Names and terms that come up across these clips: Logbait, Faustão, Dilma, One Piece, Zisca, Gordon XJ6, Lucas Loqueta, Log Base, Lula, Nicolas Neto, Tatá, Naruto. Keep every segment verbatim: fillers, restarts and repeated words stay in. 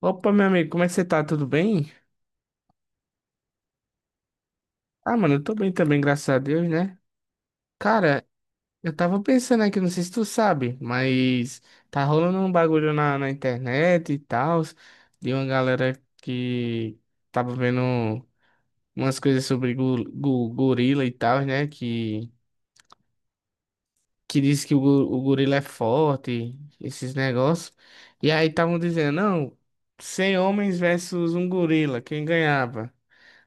Opa, meu amigo, como é que você tá? Tudo bem? Ah, mano, eu tô bem também, graças a Deus, né? Cara, eu tava pensando aqui, não sei se tu sabe, mas tá rolando um bagulho na, na internet e tal, de uma galera que tava vendo umas coisas sobre go, go- gorila e tal, né? Que, que diz que o, go- o gorila é forte, esses negócios. E aí estavam dizendo, não, cem homens versus um gorila, quem ganhava?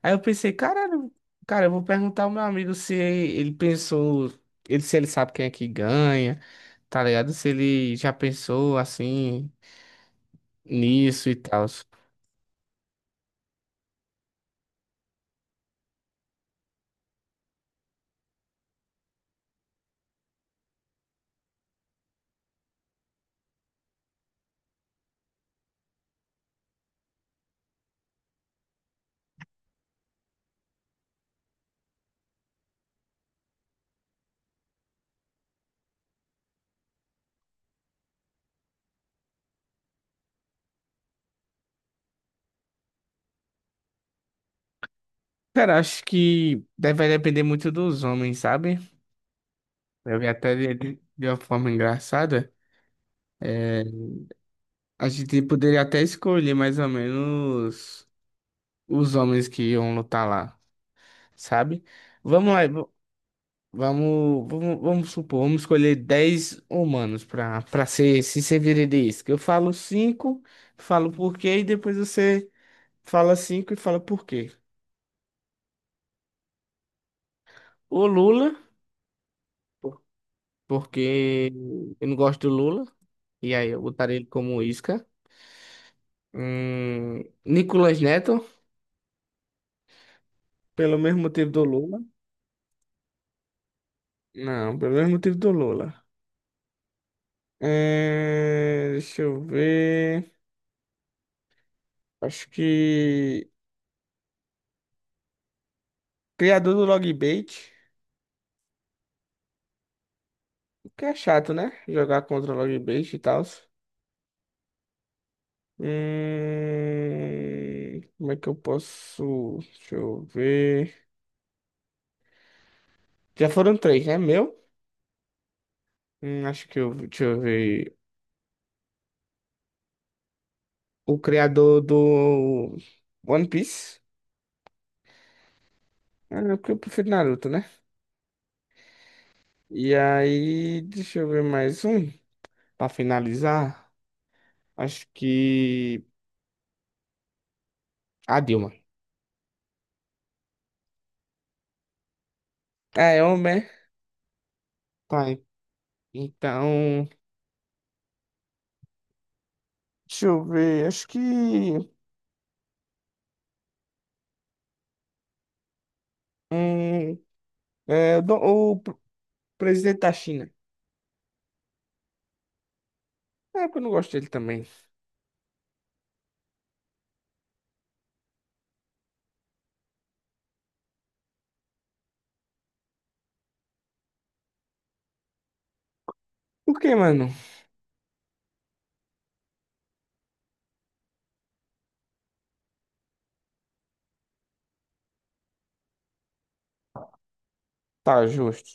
Aí eu pensei, caralho, cara, eu vou perguntar ao meu amigo se ele pensou, ele, se ele sabe quem é que ganha, tá ligado? Se ele já pensou assim nisso e tal. Cara, acho que deve depender muito dos homens, sabe? Eu vi até de, de de uma forma engraçada. É, a gente poderia até escolher mais ou menos os homens que iam lutar lá, sabe? Vamos lá. Vamos, vamos, vamos supor, vamos escolher dez humanos para para ser se sincerista. Eu falo cinco, falo por quê, e depois você fala cinco e fala por quê. O Lula, por- porque eu não gosto do Lula, e aí eu botaria ele como isca. Hum, Nicolas Neto, pelo mesmo motivo do Lula. Não, pelo mesmo motivo do Lula. É, deixa eu ver. Acho que. Criador do Logbait. Que é chato, né? Jogar contra o Log Base e tal. Hum, como é que eu posso? Deixa eu ver. Já foram três, né? Meu? Hum, acho que eu. Deixa eu ver. O criador do One Piece. Ah, não, porque eu prefiro Naruto, né? E aí, deixa eu ver mais um. Pra finalizar, acho que. A Dilma. Ah, é homem, é? Tá. Então. Deixa eu ver. Acho que. Hum, é, o, Dom- o Presidente da China. É porque eu não gosto dele também. Por que, mano? Tá justo.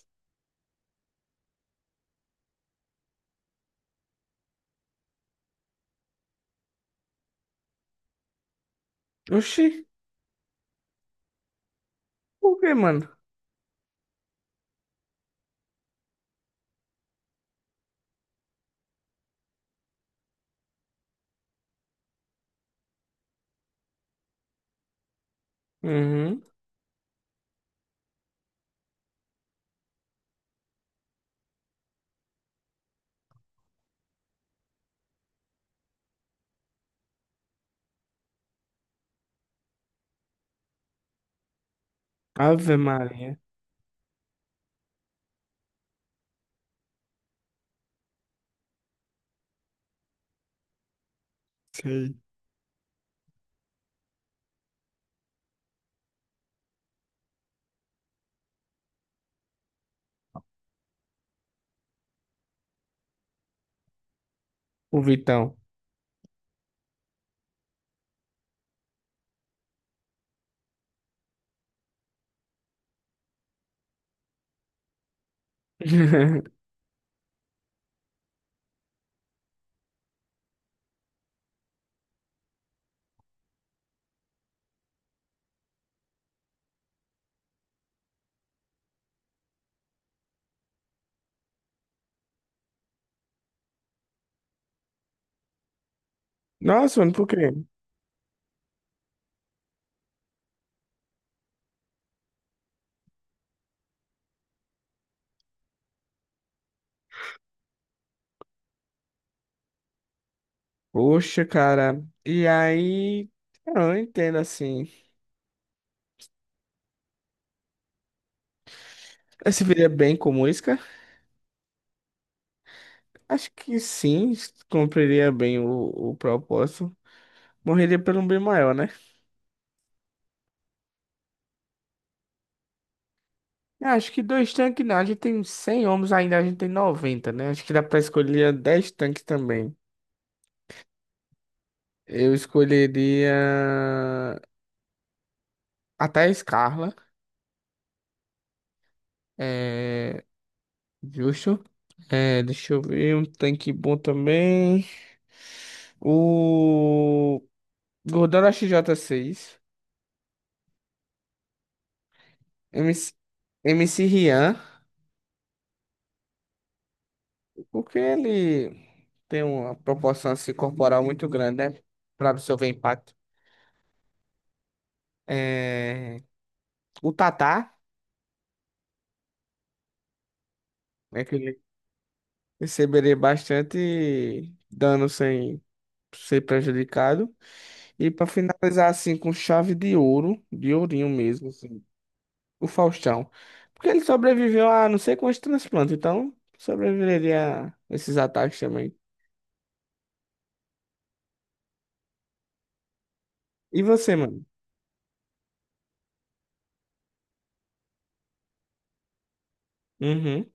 Oxi. Por que, mano? Uhum. Ave Maria. Sei. O Vitão. Nossa, mano, por quê? Poxa, cara. E aí. Eu não entendo assim. Esse viria bem com música? Acho que sim. Cumpriria bem o, o propósito. Morreria pelo um bem maior, né? Acho que dois tanques não. A gente tem cem homens ainda, a gente tem noventa, né? Acho que dá pra escolher dez tanques também. Eu escolheria até a Scarla. É justo. É, deixa eu ver um tanque bom também. O Gordon X J seis. MC, M C M C Rian. Porque ele tem uma proporção assim, corporal muito grande, né? Para absorver impacto. É, o Tatá, né, que ele receberia bastante dano sem ser prejudicado. E pra finalizar assim com chave de ouro, de ourinho mesmo, assim, o Faustão. Porque ele sobreviveu a não sei quantos transplantes, então sobreviveria a esses ataques também. E você, mano? Uhum.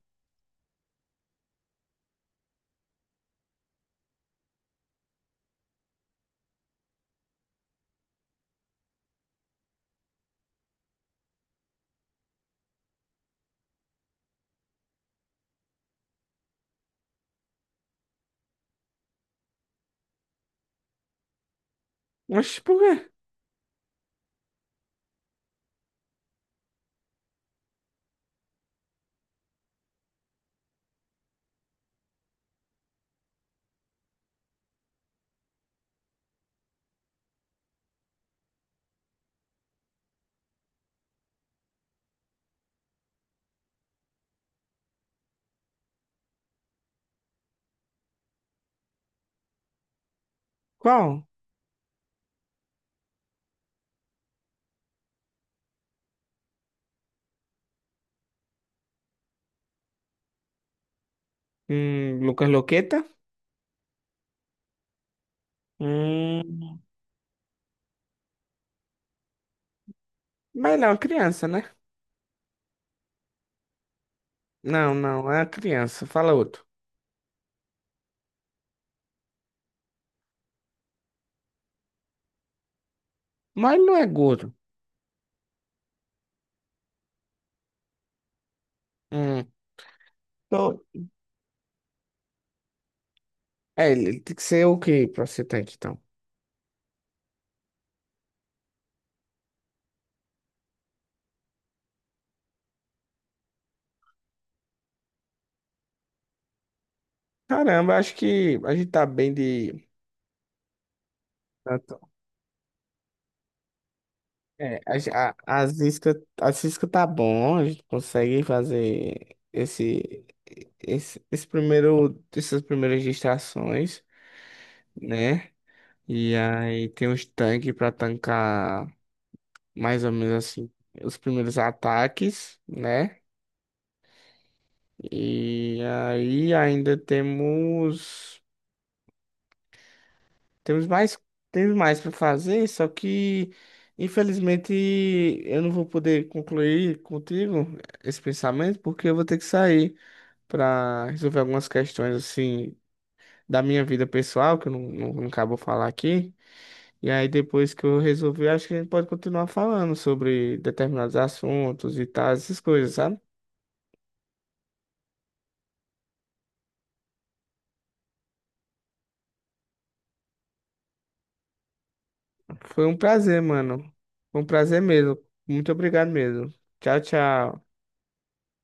Mas por quê? Qual? Hum, Lucas Loqueta? Hum. Mas não, é criança, né? Não, não, é criança. Fala outro. Mas não é gordo. Hum. Tô. É, ele ele tem que ser o quê pra você ter aqui, então? Caramba, acho que a gente tá bem de. É, a, gen- a, as Zisca, a Zisca tá bom, a gente consegue fazer esse, esse, esse primeiro, essas primeiras distrações, né? E aí tem os tanques pra tancar mais ou menos assim os primeiros ataques, né? E aí ainda temos. Temos mais, temos mais para fazer, só que infelizmente eu não vou poder concluir contigo esse pensamento porque eu vou ter que sair para resolver algumas questões assim da minha vida pessoal que eu não, não, não acabo falar aqui. E aí depois que eu resolver, acho que a gente pode continuar falando sobre determinados assuntos e tal, essas coisas, sabe? Foi um prazer, mano. Foi um prazer mesmo. Muito obrigado mesmo. Tchau, tchau.